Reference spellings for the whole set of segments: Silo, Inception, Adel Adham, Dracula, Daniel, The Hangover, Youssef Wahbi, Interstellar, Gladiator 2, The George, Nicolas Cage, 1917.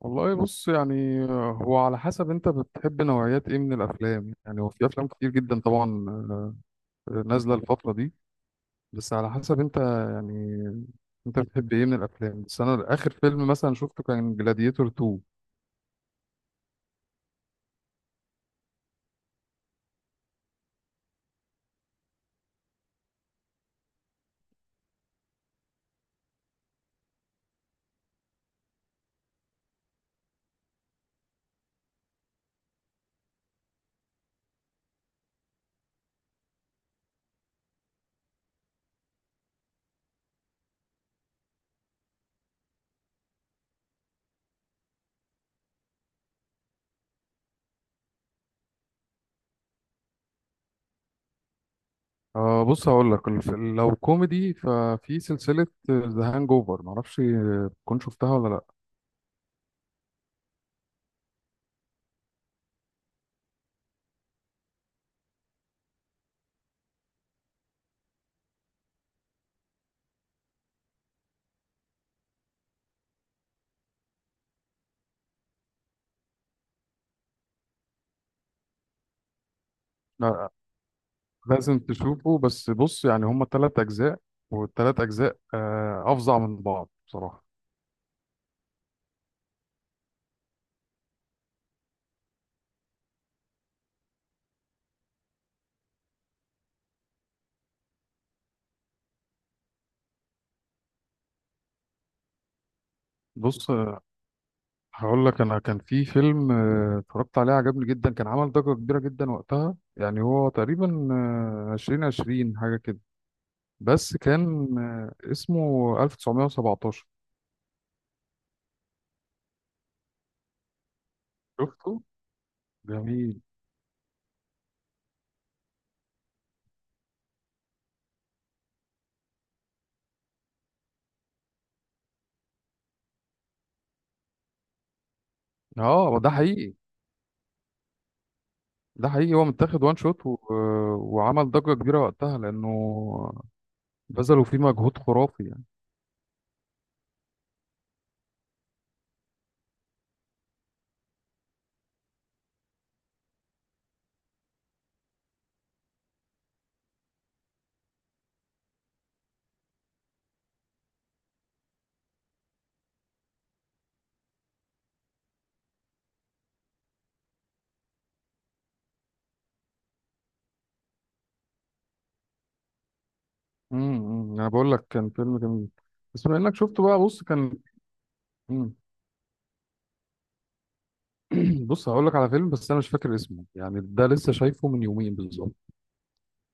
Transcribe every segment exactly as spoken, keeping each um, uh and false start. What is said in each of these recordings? والله بص يعني هو على حسب انت بتحب نوعيات ايه من الافلام؟ يعني هو في افلام كتير جدا طبعا، آه، نازله الفتره دي. بس على حسب انت يعني، انت بتحب ايه من الافلام؟ بس انا اخر فيلم مثلا شفته كان جلاديتور تو. آه بص، هقول لك الف- لو كوميدي ففي سلسله ذا هانج اوفر، معرفش تكون شفتها ولا لا. لا، لازم تشوفه. بس بص يعني هما ثلاث اجزاء، والثلاث اجزاء آه، افظع من بعض بصراحه. بص هقول لك، انا كان في فيلم آه، اتفرجت عليه، عجبني جدا، كان عمل ضجة كبيرة جدا وقتها. يعني هو تقريبا آه، عشرين عشرين حاجة كده، بس كان آه، اسمه ألف وتسعمية وسبعتاشر. شفته؟ جميل. اه ده حقيقي. ده حقيقي، هو متاخد وان شوت و... آه، وعمل ضجة كبيرة وقتها لأنه بذلوا فيه مجهود خرافي يعني. امم انا بقول لك كان فيلم جميل، بس بما انك شفته بقى، بص كان… مم. بص هقول لك على فيلم، بس انا مش فاكر اسمه يعني، ده لسه شايفه من يومين بالظبط.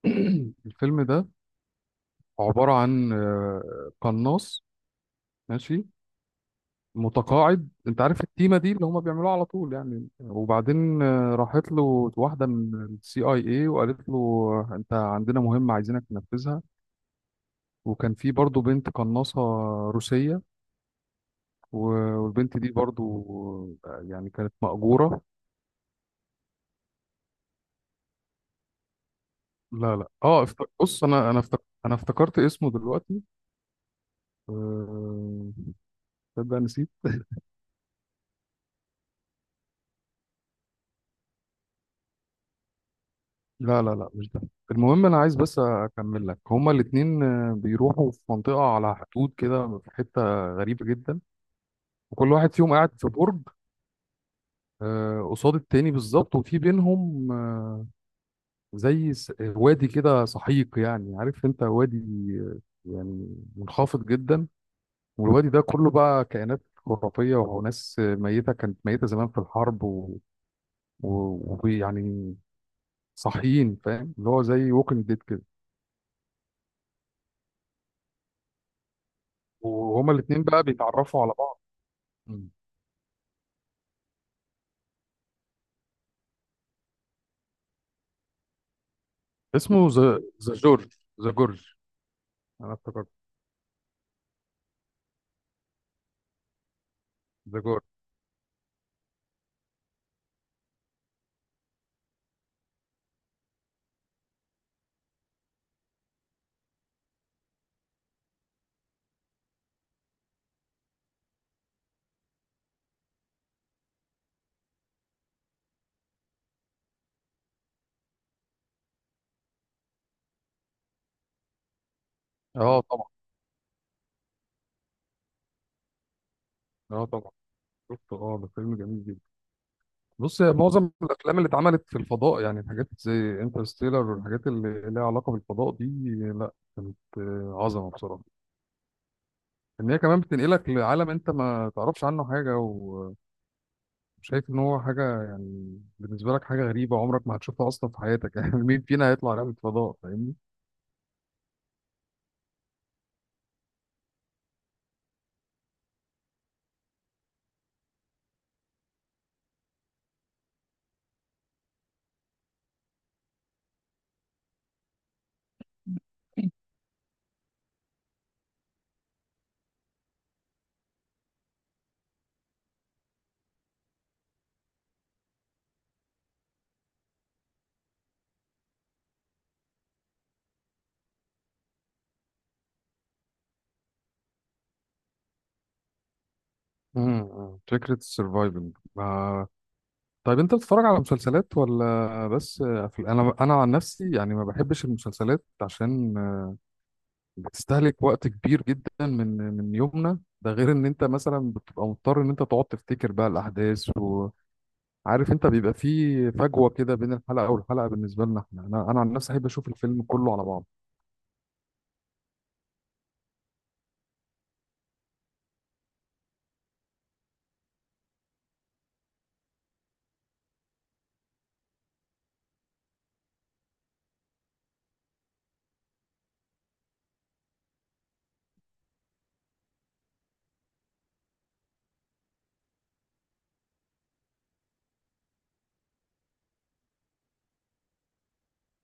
الفيلم ده عبارة عن آه، قناص، ماشي، متقاعد. انت عارف التيمة دي اللي هما بيعملوها على طول يعني. وبعدين آه، راحت له واحدة من السي اي اي، وقالت له آه، انت عندنا مهمة عايزينك تنفذها. وكان في برضو بنت قناصة روسية، و- والبنت دي برضو آه، يعني كانت مأجورة. لا لا، اه افت- بص، انا انا افتك- انا افتكرت اسمه دلوقتي. آه، تصدق نسيت. لا لا لا، مش ده. المهم انا عايز بس اكمل لك، هما الاتنين آه، بيروحوا في منطقة على حدود كده، في حتة غريبة جدا. وكل واحد فيهم قاعد في برج آه، قصاد التاني بالظبط، وفي بينهم آه، زي س- وادي كده سحيق. يعني عارف انت وادي آه، يعني منخفض جدا. والوادي ده كله بقى كائنات خرافية وناس آه، ميتة، كانت ميتة زمان في الحرب، ويعني و... و- ويعني صاحيين، فاهم؟ اللي هو زي ووكينج ديد كده. وهما الاتنين بقى بيتعرفوا على بعض. مم. اسمه ذا، ذا جورج، ذا جورج. انا افتكرت، ذا جورج. اه طبعا. اه طبعا شفته، اه ده فيلم جميل جدا. بص، يا معظم الافلام اللي اتعملت في الفضاء، يعني الحاجات زي انترستيلر والحاجات اللي ليها علاقه بالفضاء دي، لا، كانت آه، عظمه بصراحه. ان هي كمان بتنقلك لعالم انت ما تعرفش عنه حاجه، وشايف ان هو حاجه يعني بالنسبه لك حاجه غريبه عمرك ما هتشوفها اصلا في حياتك. يعني مين فينا هيطلع رحله فضاء؟ فاهمني؟ مم. فكره السرفايفنج. طيب انت بتتفرج على مسلسلات ولا بس أفل- انا انا عن نفسي يعني ما بحبش المسلسلات، عشان بتستهلك وقت كبير جدا من من يومنا ده. غير ان انت مثلا بتبقى مضطر ان انت تقعد تفتكر بقى الاحداث، وعارف انت بيبقى في فجوة كده بين الحلقة والحلقة بالنسبة لنا احنا. انا انا عن نفسي احب اشوف الفيلم كله على بعض.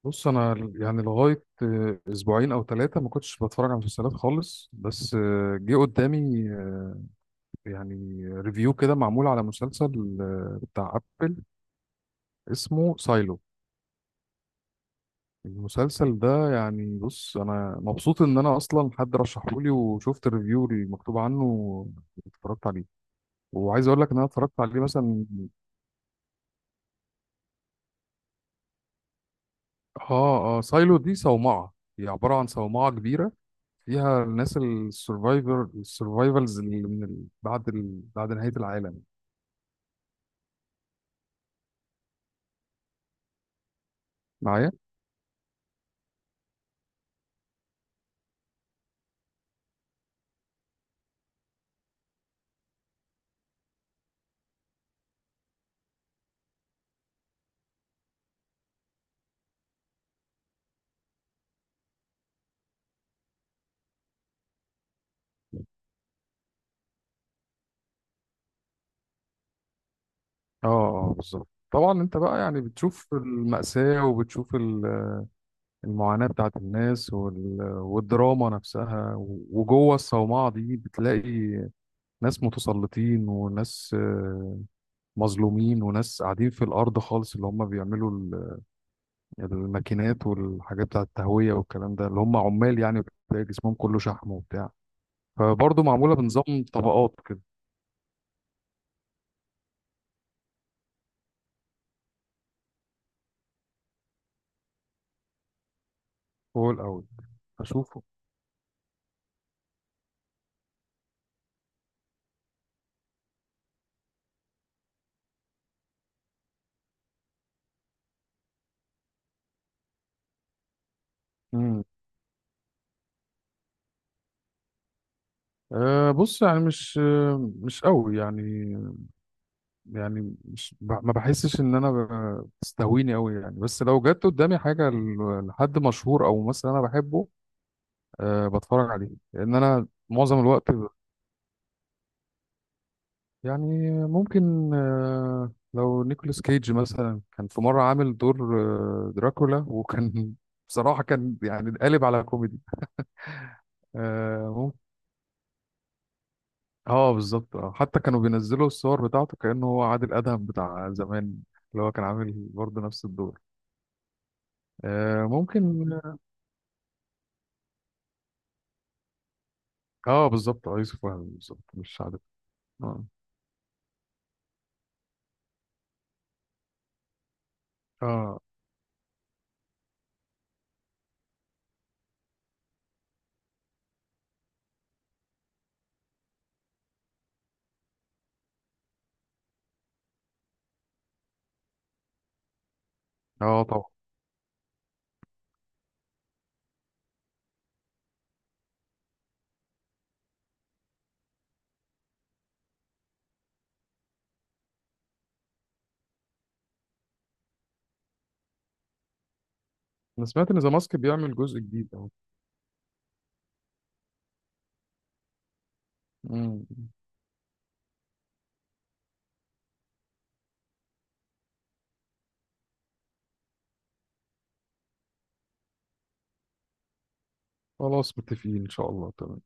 بص انا ل- يعني لغاية آه، اسبوعين او ثلاثة ما كنتش بتفرج على مسلسلات خالص، بس آه، جه قدامي آه، يعني ريفيو كده معمول على مسلسل آه، بتاع ابل اسمه سايلو. المسلسل ده يعني، بص انا مبسوط ان انا اصلا حد رشحه لي، وشفت الريفيو المكتوب عنه واتفرجت عليه، وعايز اقول لك ان انا اتفرجت عليه مثلا. اه اه، سايلو دي صومعة، هي عبارة عن صومعة كبيرة فيها الناس السرفايفر، السرفايفلز اللي من ال… بعد ال… بعد نهاية العالم. معايا؟ اه اه بالظبط، طبعا انت بقى يعني بتشوف المأساة وبتشوف ال… المعاناة بتاعت الناس وال… والدراما نفسها. وجوه الصومعة دي بتلاقي ناس متسلطين وناس آه، مظلومين، وناس قاعدين في الأرض خالص اللي هم بيعملوا ال- الماكينات والحاجات بتاعت التهوية والكلام ده، اللي هم عمال يعني بتلاقي جسمهم كله شحم وبتاع. فبرضه معمولة بنظام طبقات كده. فوق الأول أشوفه. مم. أه بص يعني مش آه، مش قوي يعني. يعني مش ب- ما بحسش ان انا ب- بتستهويني قوي يعني، بس لو جت قدامي حاجه ل- لحد مشهور او ممثل انا بحبه أه بتفرج عليه، لان انا معظم الوقت ب- يعني ممكن أه، لو نيكولاس كيج مثلا كان في مره عامل دور آه، دراكولا، وكان بصراحه كان يعني قالب على كوميدي. اه ممكن. اه بالظبط، اه حتى كانوا بينزلوا الصور بتاعته كانه هو عادل ادهم بتاع زمان، اللي هو كان عامل برضه نفس الدور آه، ممكن. اه بالظبط، اه يوسف وهبي بالظبط، مش عارف. اه. اه اه طبعا. انا سمعت ان ذا ماسك بيعمل جزء جديد اهو. مم. خلاص متفقين ان شاء الله، تمام.